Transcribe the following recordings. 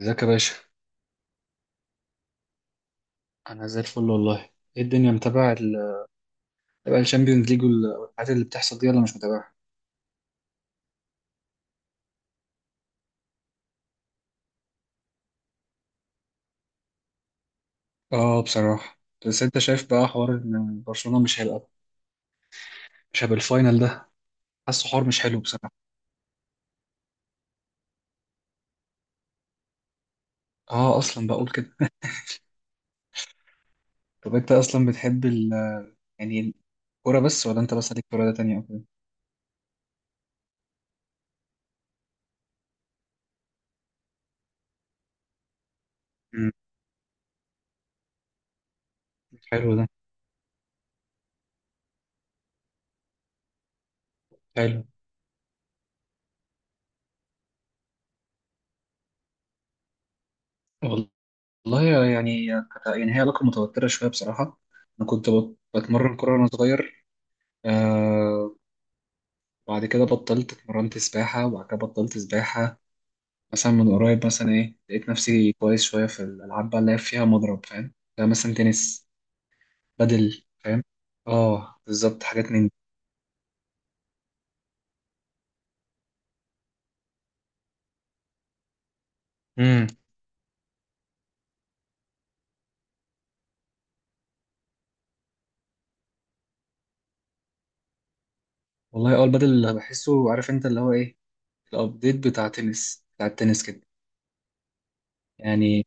ازيك يا باشا. انا زي الفل والله. ايه الدنيا، متابع متابع الشامبيونز ليج والحاجات اللي بتحصل دي، ولا مش متابعها؟ اه بصراحه، بس انت شايف بقى حوار ان برشلونه مش هيبقى الفاينل ده؟ حاسه حوار مش حلو بصراحه. اه اصلا بقول كده. طب انت اصلا بتحب يعني الكوره بس، ولا انت بس ليك في رياضه تانية او كده؟ امم حلو ده. حلو. والله يعني هي علاقه متوتره شويه بصراحه. انا كنت بتمرن كوره وانا صغير. آه، وبعد كده بطلت، اتمرنت سباحة وبعد كده بطلت سباحة. مثلا من قريب مثلا ايه لقيت نفسي كويس شوية في الألعاب بقى اللي هي فيها مضرب، فاهم؟ زي مثلا تنس، بدل، فاهم؟ اه بالظبط، حاجات من دي. امم والله اه البدل اللي بحسه، عارف انت اللي هو ايه، الأبديت بتاع تنس بتاع التنس كده. يعني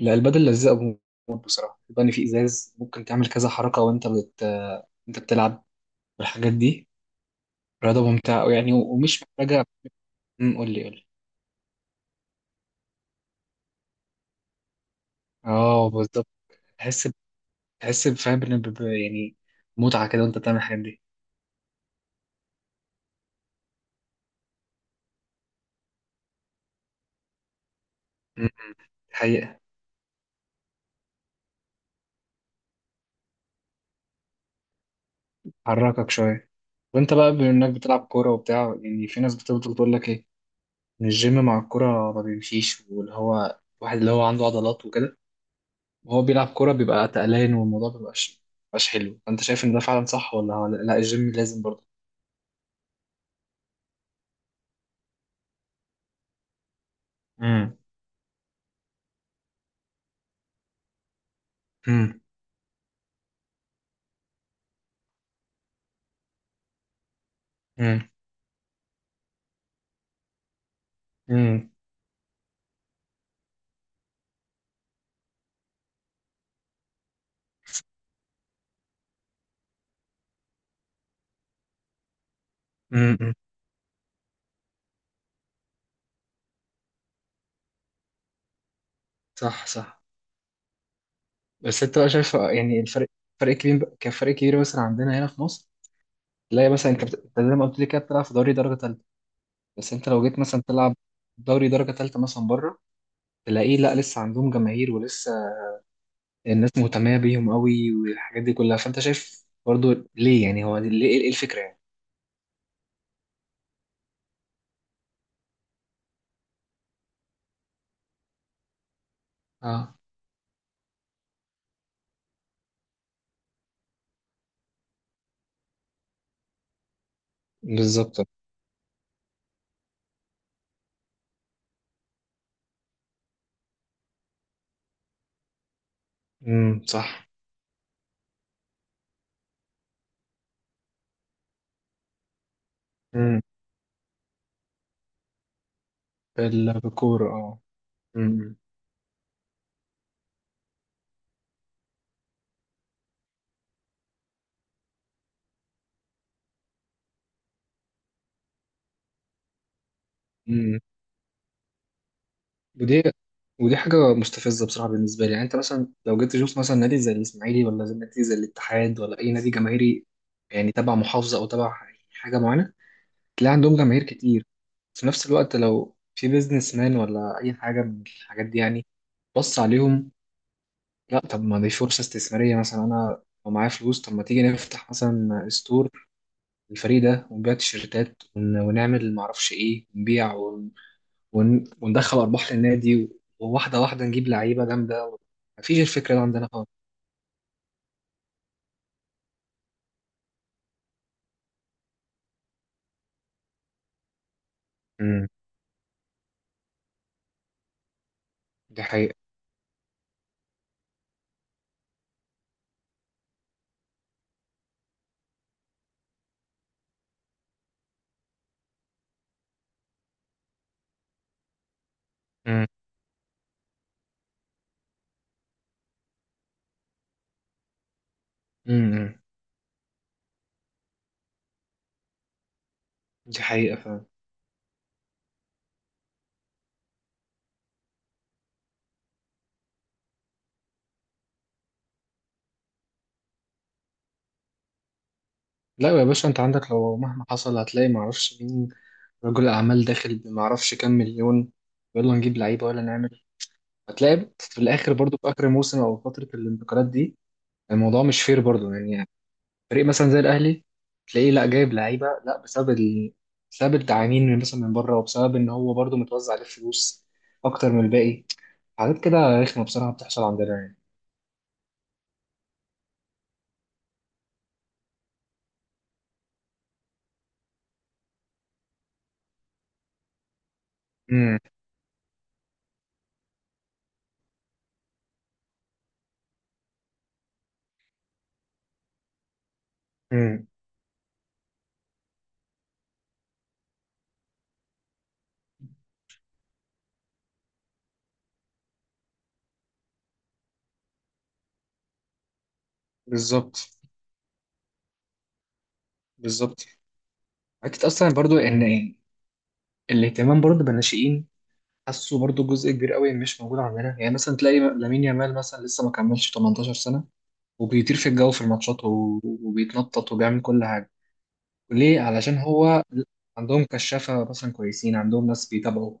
لا البدل لذيذة موت بصراحة. يبقى إن في إزاز ممكن تعمل كذا حركة وأنت أنت بتلعب والحاجات دي. رياضة ممتعة أوي يعني ومش محتاجة. قول لي قول لي. اه بالظبط. تحس، تحس فاهم إن يعني متعة كده وأنت بتعمل الحاجات دي. م- م. حقيقة، حركك شوية. وأنت بقى بما إنك بتلعب كورة وبتاع، يعني في ناس بتفضل تقول لك إيه، إن الجيم مع الكورة ما بيمشيش، واللي هو واحد اللي هو عنده عضلات وكده وهو بيلعب كورة بيبقى تقلان والموضوع مبيبقاش حلو. أنت شايف إن ده فعلا صح، ولا ولا لا الجيم لازم برضه؟ م- م- امم امم. م- م. صح صح. بس انت بقى شايف يعني الفرق، فرق كبير كان فرق كبير مثلا عندنا هنا في مصر. تلاقي مثلا انت أنت زي ما قلت لي كده بتلعب في دوري درجه ثالثه، بس انت لو جيت مثلا تلعب دوري درجه ثالثه مثلا بره، تلاقيه لا لسه عندهم جماهير ولسه الناس مهتمه بيهم قوي والحاجات دي كلها. فانت شايف برضو ليه، يعني هو ليه، ايه الفكره يعني؟ اه بالظبط. صح. امم. بالكوره اه. امم. امم. ودي ودي حاجه مستفزه بصراحه بالنسبه لي. يعني انت مثلا لو جيت تشوف مثلا نادي زي الاسماعيلي، ولا زي نادي زي الاتحاد، ولا اي نادي جماهيري يعني تبع محافظه او تبع حاجه معينه، تلاقي عندهم جماهير كتير. في نفس الوقت لو في بيزنس مان ولا أي حاجة من الحاجات دي، يعني بص عليهم. لا طب ما دي فرصة استثمارية. مثلا أنا لو معايا فلوس، طب ما تيجي نفتح مثلا ستور الفريق ده ونبيع تيشيرتات ونعمل معرفش إيه، نبيع وندخل أرباح للنادي. وواحدة واحدة نجيب لعيبة جامدة. مفيش الفكرة دي عندنا خالص. امم. دي حقيقة. امم. امم. دي حقيقة فعلا. لا يا باشا انت عندك لو مهما حصل هتلاقي معرفش مين، رجل اعمال داخل بمعرفش كام مليون، يلا نجيب لعيبه ولا نعمل. هتلاقي في الاخر برضو في اخر الموسم او فتره الانتقالات دي، الموضوع مش فير برضو يعني. فريق مثلا زي الاهلي، تلاقيه لا جايب لعيبه لا بسبب بسبب التعامين من مثلا من بره، وبسبب ان هو برضو متوزع عليه فلوس اكتر من الباقي. حاجات كده رخمه بصراحه بتحصل عندنا يعني. امم. امم. بالظبط. بالظبط. حته اصلا برضو ان الاهتمام برضو بالناشئين، حاسه برضو جزء كبير قوي مش موجود عندنا. يعني مثلا تلاقي لامين يامال مثلا لسه ما كملش 18 سنة وبيطير في الجو في الماتشات وبيتنطط وبيعمل كل حاجة. ليه؟ علشان هو عندهم كشافة مثلا كويسين، عندهم ناس بيتابعوا.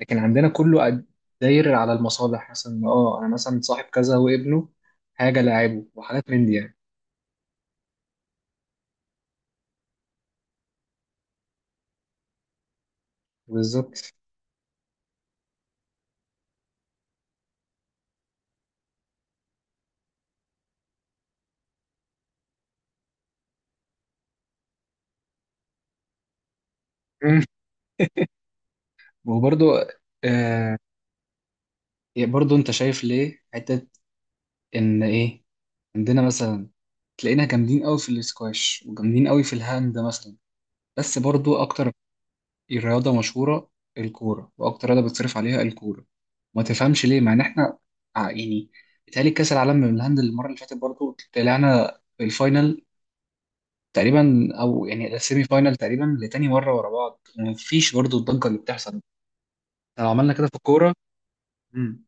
لكن عندنا كله داير على المصالح. مثلا اه انا مثلا صاحب كذا وابنه حاجة لاعبه وحاجات من دي يعني. بالظبط. مم. وبرضو، آه، برضو انت شايف ليه حتة ان ايه عندنا مثلا تلاقينا جامدين قوي في الاسكواش وجامدين قوي في الهاند مثلا. بس برضو اكتر رياضه مشهوره الكوره، واكتر رياضه بتصرف عليها الكوره. ما تفهمش ليه مع ان احنا يعني بيتهيألي كاس العالم من الهاند المره اللي فاتت برضو طلعنا في الفاينل تقريبا، او يعني السيمي فاينل تقريبا، لتاني مره ورا بعض وما فيش برضو الضجه اللي بتحصل. احنا لو عملنا كده في الكوره. مم.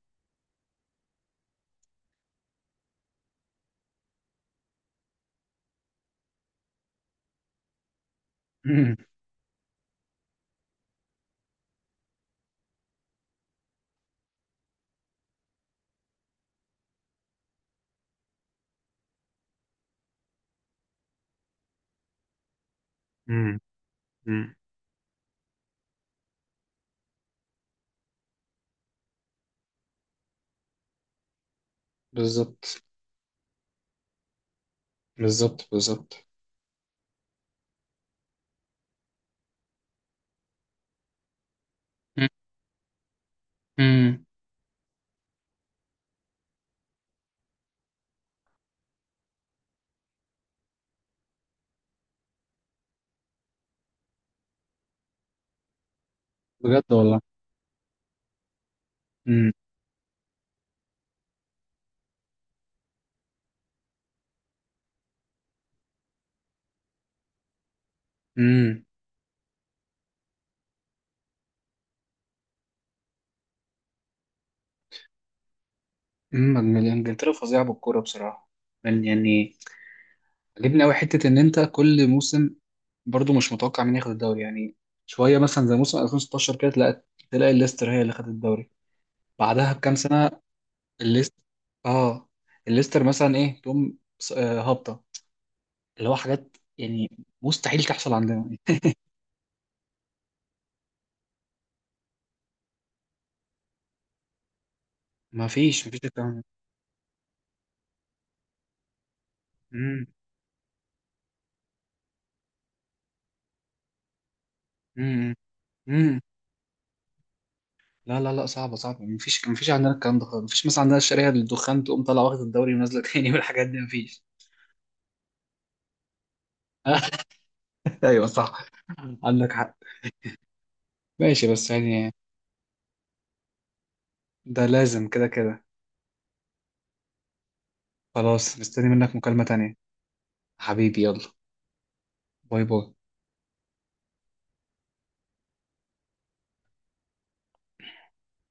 مم. مم. مم. بالظبط. بالظبط. بالظبط. مم. بجد والله. مم. انجلترا فظيعه بالكوره بصراحه. يعني عجبني قوي حته ان انت كل موسم برضو مش متوقع مين ياخد الدوري يعني. شويه مثلا زي موسم 2016 كده، تلاقي الليستر هي اللي خدت الدوري. بعدها بكام سنه الليستر، اه الليستر مثلا ايه تقوم هابطه، اللي هو حاجات يعني مستحيل تحصل عندنا. ما فيش ما فيش الكلام ده. امم. امم. امم. لا لا لا صعبه صعبه، ما فيش ما فيش عندنا الكلام ده خالص. ما فيش مثلا عندنا الشريحه الدخان تقوم طالعه واخد الدوري ونازله تاني والحاجات دي، ما فيش. ايوه صح، عندك حق. ماشي بس يعني ده لازم كده كده. خلاص، مستني منك مكالمة تانية. حبيبي يلا. باي باي.